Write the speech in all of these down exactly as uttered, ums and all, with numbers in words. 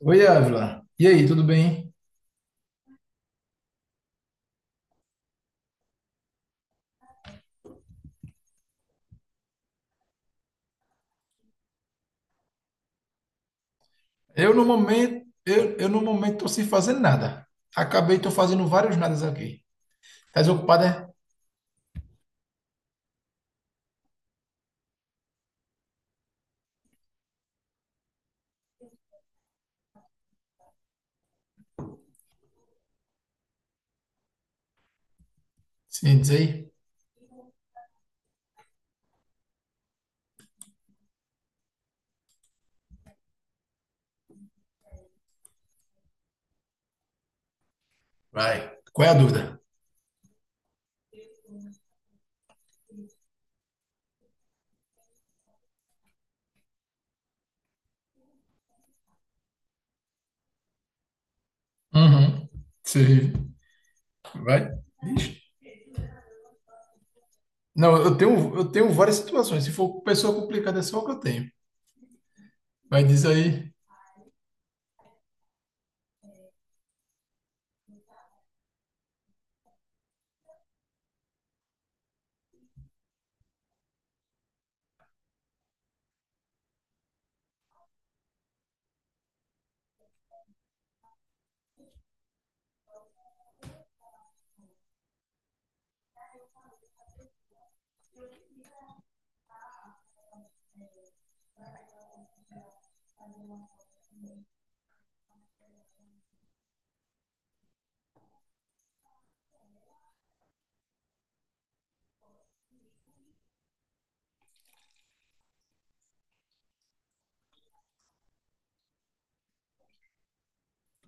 Oi, Ávila. E aí, tudo bem? Eu no momento, eu, eu no momento tô sem fazer nada. Acabei, tô fazendo vários nadas aqui. Tá desocupado, é? Sim, diz aí. Vai. Qual é a dúvida? Uhum. Sim. Vai. Ixi. Não, eu tenho, eu tenho várias situações. Se for pessoa complicada, é só o que eu tenho. Vai, diz aí.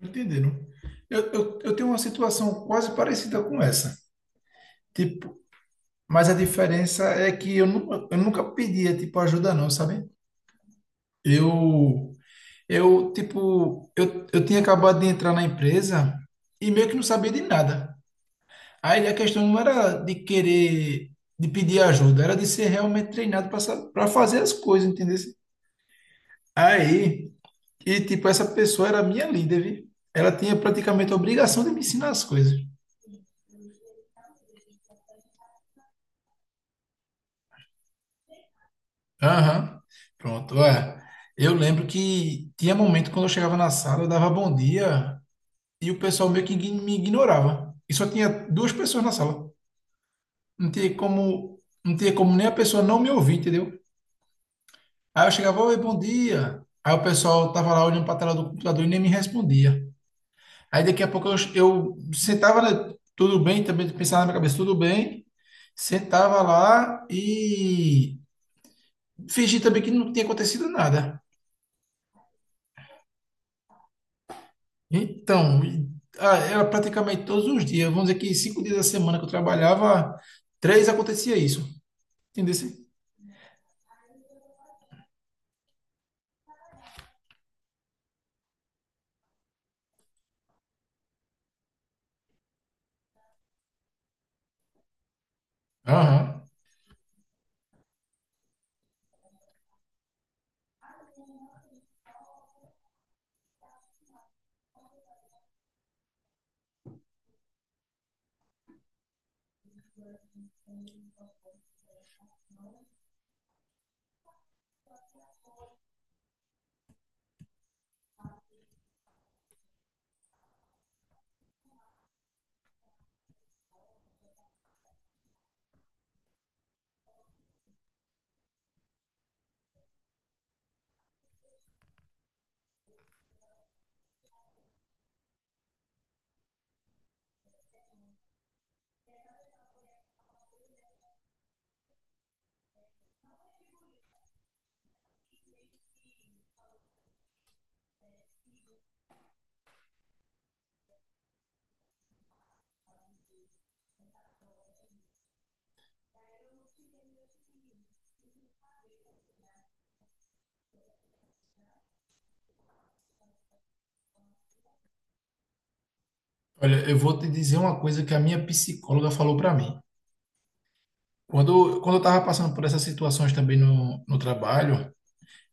Entenderam? Eu, eu, eu tenho uma situação quase parecida com essa. Tipo, mas a diferença é que eu, nu- eu nunca pedia, tipo, ajuda não, sabe? Eu... Eu, tipo, eu, eu tinha acabado de entrar na empresa e meio que não sabia de nada. Aí a questão não era de querer, de pedir ajuda, era de ser realmente treinado para fazer as coisas, entendeu? Aí, e tipo, essa pessoa era minha líder, viu? Ela tinha praticamente a obrigação de me ensinar as coisas. Aham. Pronto, é. Eu lembro que tinha momento quando eu chegava na sala, eu dava bom dia e o pessoal meio que ign- me ignorava. E só tinha duas pessoas na sala. Não tinha como, não tinha como nem a pessoa não me ouvir, entendeu? Aí eu chegava, oi, bom dia. Aí o pessoal tava lá olhando para a tela do computador e nem me respondia. Aí daqui a pouco eu, eu sentava, né, tudo bem, também pensava na minha cabeça, tudo bem. Sentava lá e fingi também que não tinha acontecido nada. Então, e- ah, era praticamente todos os dias. Vamos dizer que cinco dias da semana que eu trabalhava, três acontecia isso. Entendeu? Aham. Olha, eu vou te dizer uma coisa que a minha psicóloga falou para mim. Quando, quando eu estava passando por essas situações também no, no trabalho,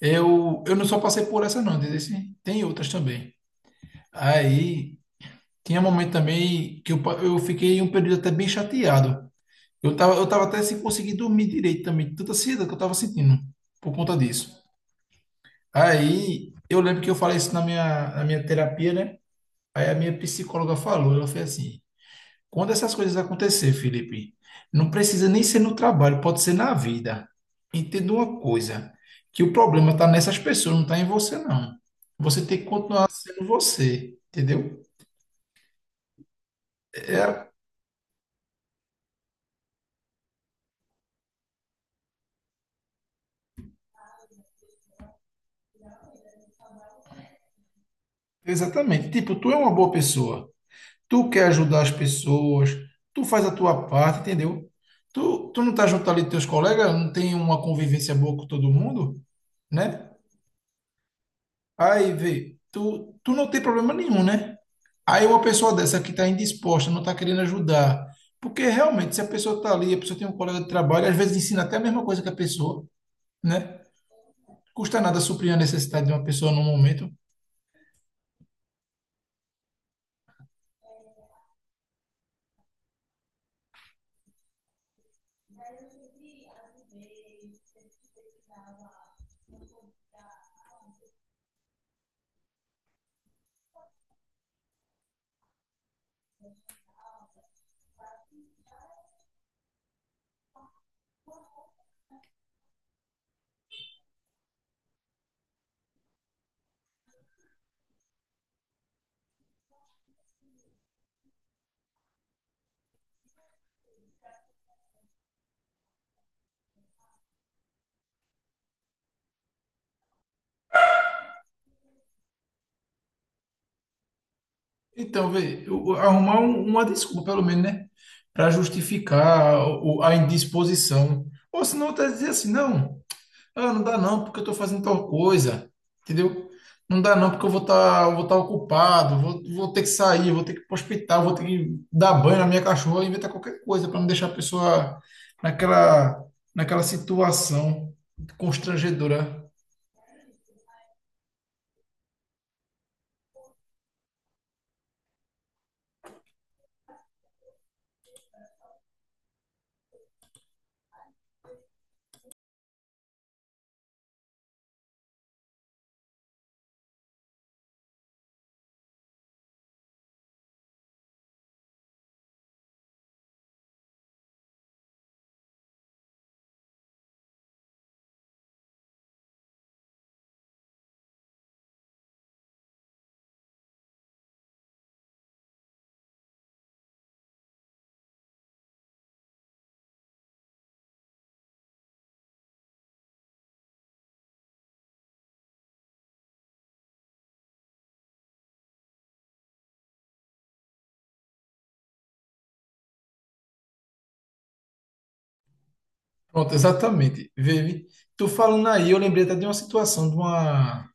eu, eu não só passei por essa, não, dizer assim, tem outras também. Aí, tinha momento também que eu, pa- eu fiquei um período até bem chateado. Eu tava, eu tava até sem conseguir dormir direito também, de tanta ansiedade que eu tava sentindo por conta disso. Aí, eu lembro que eu falei isso na minha, na minha terapia, né? Aí a minha psicóloga falou, ela fez assim, quando essas coisas acontecer, Felipe, não precisa nem ser no trabalho, pode ser na vida. Entenda uma coisa, que o problema está nessas pessoas, não está em você, não. Você tem que continuar sendo você, entendeu? É, exatamente. Tipo, tu é uma boa pessoa, tu quer ajudar as pessoas, tu faz a tua parte, entendeu? Tu, tu não tá junto ali dos teus colegas, não tem uma convivência boa com todo mundo, né? Aí, vê, tu, tu não tem problema nenhum, né? Aí uma pessoa dessa que está indisposta, não está querendo ajudar. Porque realmente, se a pessoa está ali, a pessoa tem um colega de trabalho, às vezes ensina até a mesma coisa que a pessoa, né? Custa nada suprir a necessidade de uma pessoa num momento. Então, vê, eu- arrumar um- uma desculpa, pelo menos, né? Para justificar o- a indisposição. Ou senão, tá dizer assim, não. Ah, não dá não, porque eu estou fazendo tal coisa, entendeu? Não dá não, porque eu vou estar vou tá ocupado, vou, vou ter que sair, vou ter que ir para o hospital, vou ter que dar banho na minha cachorra, inventar qualquer coisa para não deixar a pessoa naquela, naquela situação constrangedora. Pronto, exatamente. Vivi, tu falando aí, eu lembrei até de uma situação, de uma,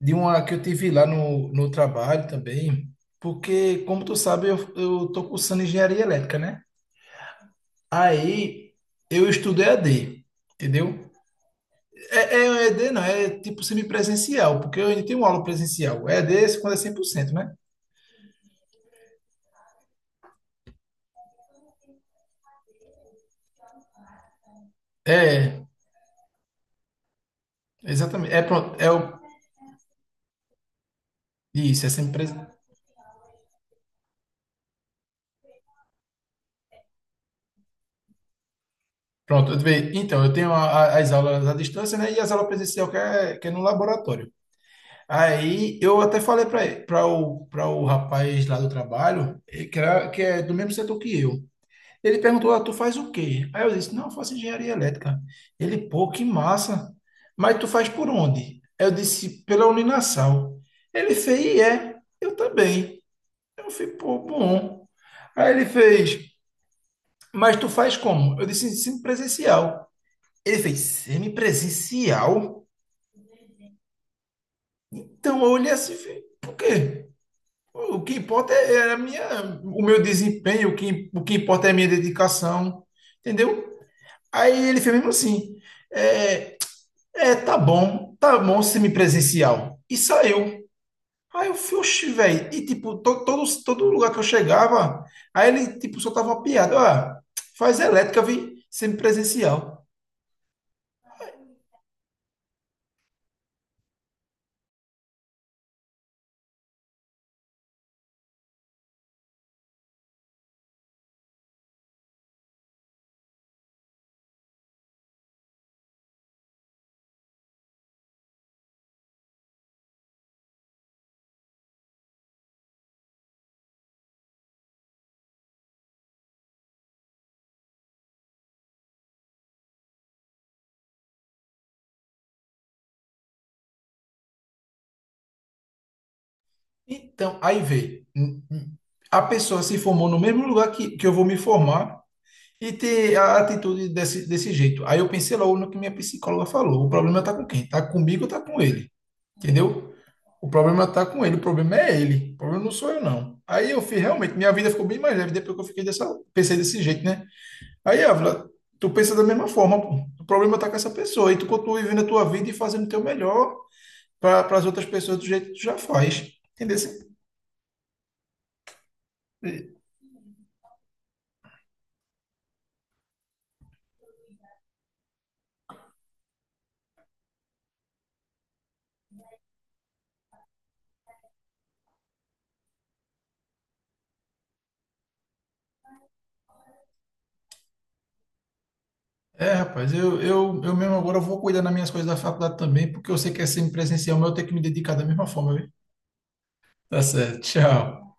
de uma que eu tive lá no, no trabalho também, porque, como tu sabe, eu, eu tô cursando engenharia elétrica, né? Aí eu estudo E A D, entendeu? É, é um E A D, não, é tipo semipresencial, porque eu ainda tenho aula presencial. E A D é quando é cem por cento, né? É, exatamente. É pronto, é o, isso, é semipresencial. Pronto, eu ve- então, eu tenho a- a- as aulas à distância, né? E as aulas presencial que é, que é no laboratório. Aí eu até falei para o, para o rapaz lá do trabalho, eh, que, era, que é do mesmo setor que eu. Ele perguntou, ah, tu faz o quê? Aí eu disse, não, eu faço engenharia elétrica. Ele, pô, que massa. Mas tu faz por onde? Aí eu disse, pela Uninasal. Ele fez, e é, eu também. Eu falei, pô, bom. Aí ele fez, mas tu faz como? Eu disse, semipresencial. Ele fez, semipresencial? Então eu olhei assim, e falei, por quê? O que importa é é a minha, o meu desempenho, o que, o que importa é a minha dedicação, entendeu? Aí ele fez mesmo assim, é, é, tá bom, tá bom semipresencial. E saiu. Aí eu fui, oxi, velho. E, tipo, to, todo, todo lugar que eu chegava, aí ele, tipo, soltava uma piada. Ah, faz elétrica, vi, semipresencial. Então, aí vê, n- n- a pessoa se formou no mesmo lugar que, que eu vou me formar e ter a atitude desse, desse jeito. Aí eu pensei logo no que minha psicóloga falou. O problema tá com quem? Tá comigo ou tá com ele? Entendeu? O problema tá com ele, o problema é ele. O problema não sou eu, não. Aí eu fiz, realmente, minha vida ficou bem mais leve depois que eu fiquei dessa, pensei desse jeito, né? Aí, Ávila, tu pensa da mesma forma, pô. O problema tá com essa pessoa. E tu continua vivendo a tua vida e fazendo o teu melhor para as outras pessoas do jeito que tu já faz. Entendeu? É, rapaz, eu, eu, eu mesmo agora vou cuidar das minhas coisas da faculdade também, porque eu sei que é semipresencial, mas eu tenho que me dedicar da mesma forma, viu? Tá certo, tchau.